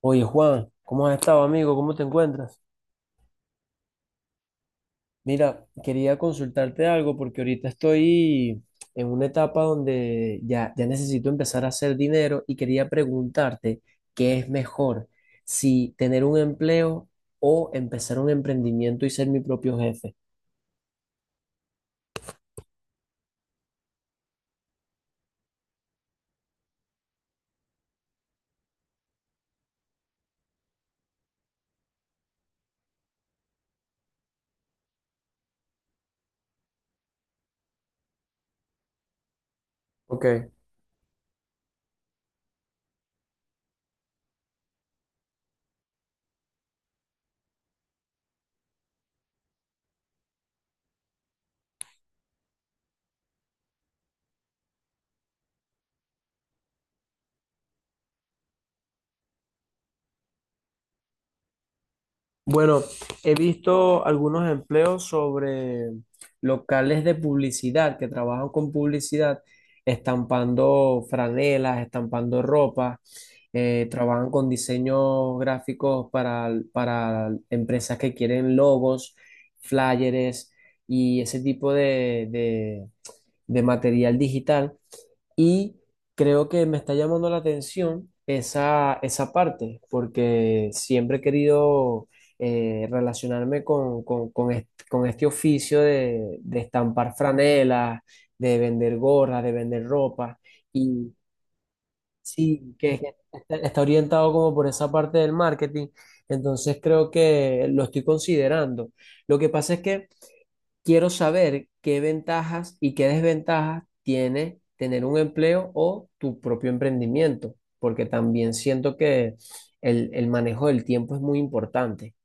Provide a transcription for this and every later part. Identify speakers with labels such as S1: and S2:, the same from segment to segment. S1: Oye, Juan, ¿cómo has estado, amigo? ¿Cómo te encuentras? Mira, quería consultarte algo porque ahorita estoy en una etapa donde ya necesito empezar a hacer dinero y quería preguntarte qué es mejor, si tener un empleo o empezar un emprendimiento y ser mi propio jefe. Ok. Bueno, he visto algunos empleos sobre locales de publicidad que trabajan con publicidad, estampando franelas, estampando ropa, trabajan con diseños gráficos para empresas que quieren logos, flyers y ese tipo de material digital. Y creo que me está llamando la atención esa parte, porque siempre he querido relacionarme con este oficio de estampar franelas, de vender gorras, de vender ropa. Y sí, que está, está orientado como por esa parte del marketing. Entonces creo que lo estoy considerando. Lo que pasa es que quiero saber qué ventajas y qué desventajas tiene tener un empleo o tu propio emprendimiento, porque también siento que el manejo del tiempo es muy importante.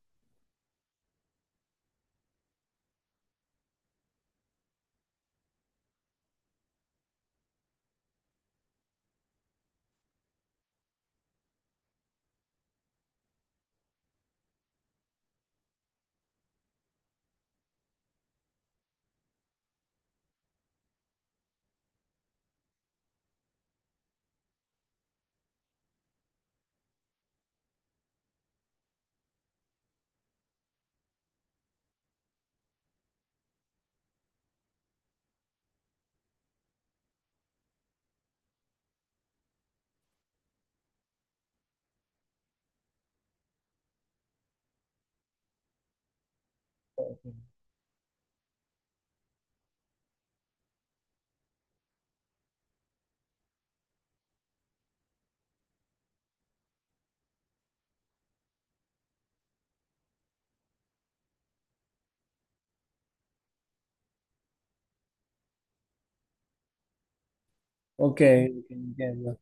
S1: Ok, ok, entiendo.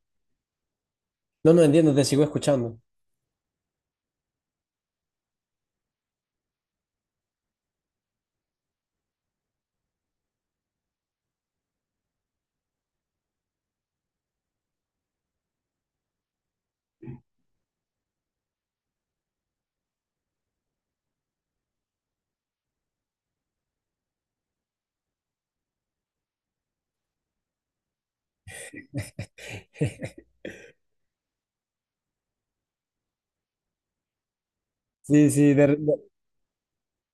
S1: No, no entiendo, te sigo escuchando. Sí, sí, de, re-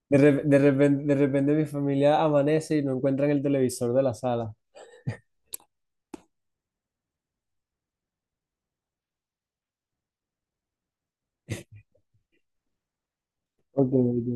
S1: de, re- de repen- de repente, mi familia amanece y no encuentran el televisor de la sala. Ok, ok.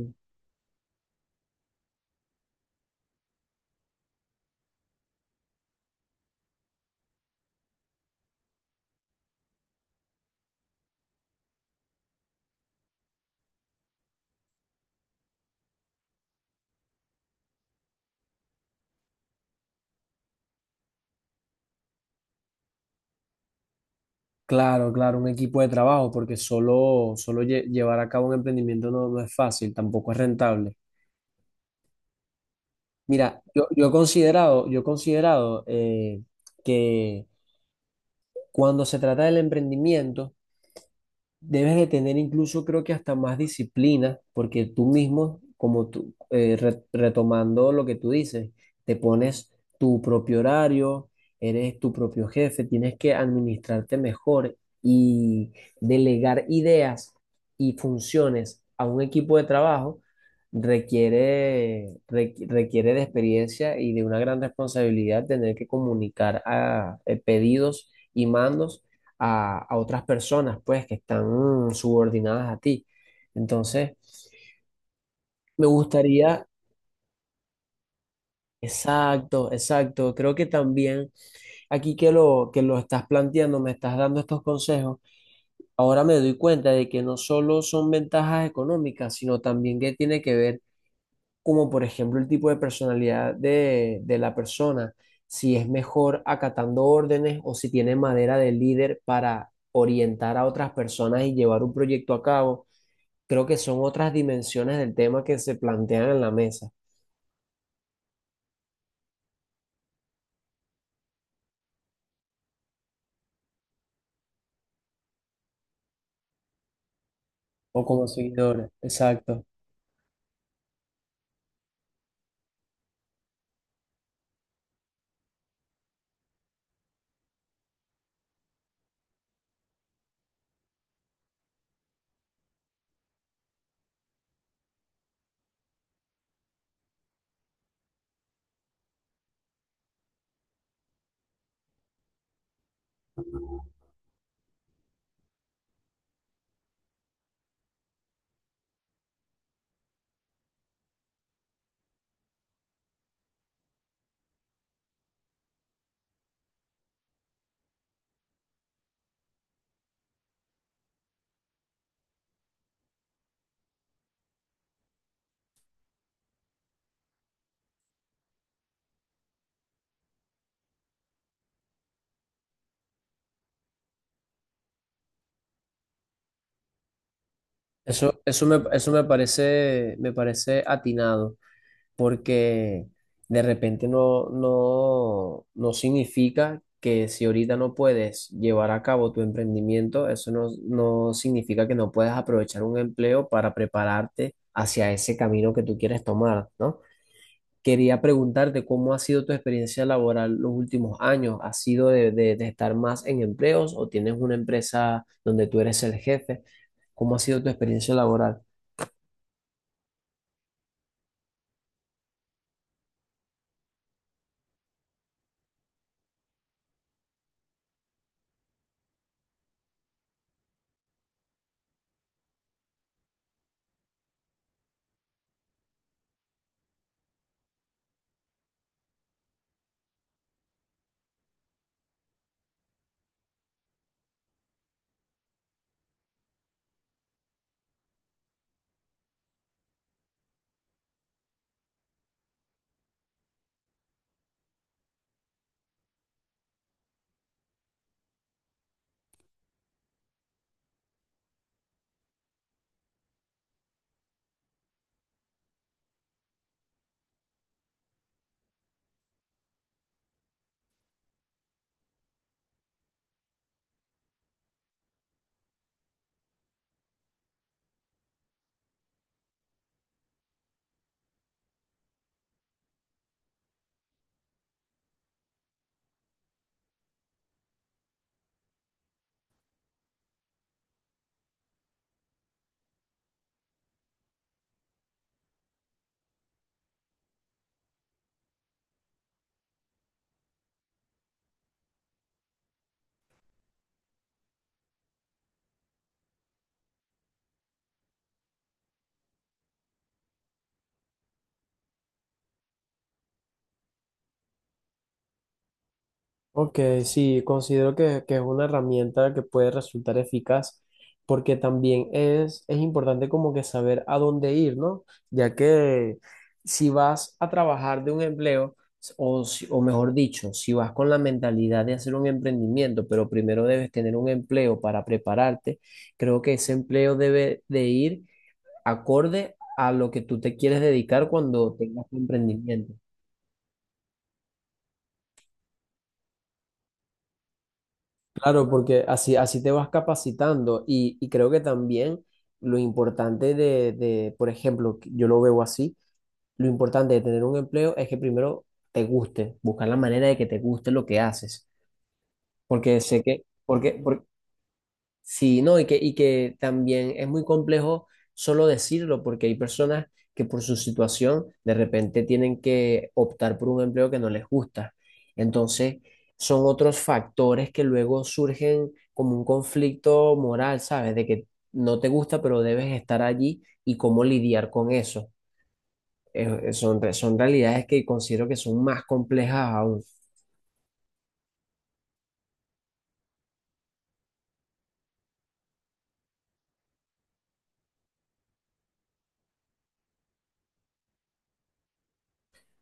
S1: Claro, claro, un equipo de trabajo, porque llevar a cabo un emprendimiento no, no es fácil, tampoco es rentable. Mira, yo he considerado que cuando se trata del emprendimiento, debes de tener incluso, creo que hasta más disciplina, porque tú mismo, como tú, retomando lo que tú dices, te pones tu propio horario, eres tu propio jefe, tienes que administrarte mejor y delegar ideas y funciones a un equipo de trabajo requiere, requiere de experiencia y de una gran responsabilidad tener que comunicar a, pedidos y mandos a otras personas, pues, que están subordinadas a ti. Entonces, me gustaría, exacto, exacto, creo que también aquí que lo estás planteando, me estás dando estos consejos, ahora me doy cuenta de que no solo son ventajas económicas, sino también que tiene que ver, como por ejemplo, el tipo de personalidad de la persona, si es mejor acatando órdenes o si tiene madera de líder para orientar a otras personas y llevar un proyecto a cabo. Creo que son otras dimensiones del tema que se plantean en la mesa o como seguidores. Exacto. Eso me parece atinado porque de repente no significa que si ahorita no puedes llevar a cabo tu emprendimiento, eso no significa que no puedas aprovechar un empleo para prepararte hacia ese camino que tú quieres tomar, ¿no? Quería preguntarte cómo ha sido tu experiencia laboral los últimos años. ¿Ha sido de estar más en empleos o tienes una empresa donde tú eres el jefe? ¿Cómo ha sido tu experiencia laboral? Ok, sí, considero que es una herramienta que puede resultar eficaz porque también es importante como que saber a dónde ir, ¿no? Ya que si vas a trabajar de un empleo, o, o mejor dicho, si vas con la mentalidad de hacer un emprendimiento, pero primero debes tener un empleo para prepararte, creo que ese empleo debe de ir acorde a lo que tú te quieres dedicar cuando tengas tu emprendimiento. Claro, porque así te vas capacitando y creo que también lo importante por ejemplo, que yo lo veo así, lo importante de tener un empleo es que primero te guste, buscar la manera de que te guste lo que haces, porque sé que, porque, por- Sí, no, y que también es muy complejo solo decirlo, porque hay personas que por su situación de repente tienen que optar por un empleo que no les gusta. Entonces, son otros factores que luego surgen como un conflicto moral, ¿sabes? De que no te gusta, pero debes estar allí y cómo lidiar con eso. Son realidades que considero que son más complejas aún.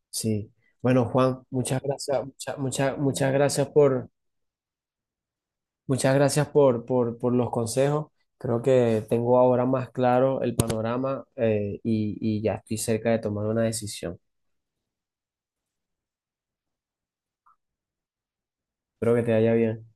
S1: Sí. Bueno, Juan, muchas gracias, muchas muchas muchas gracias por muchas gracias por los consejos. Creo que tengo ahora más claro el panorama y ya estoy cerca de tomar una decisión. Espero que te vaya bien.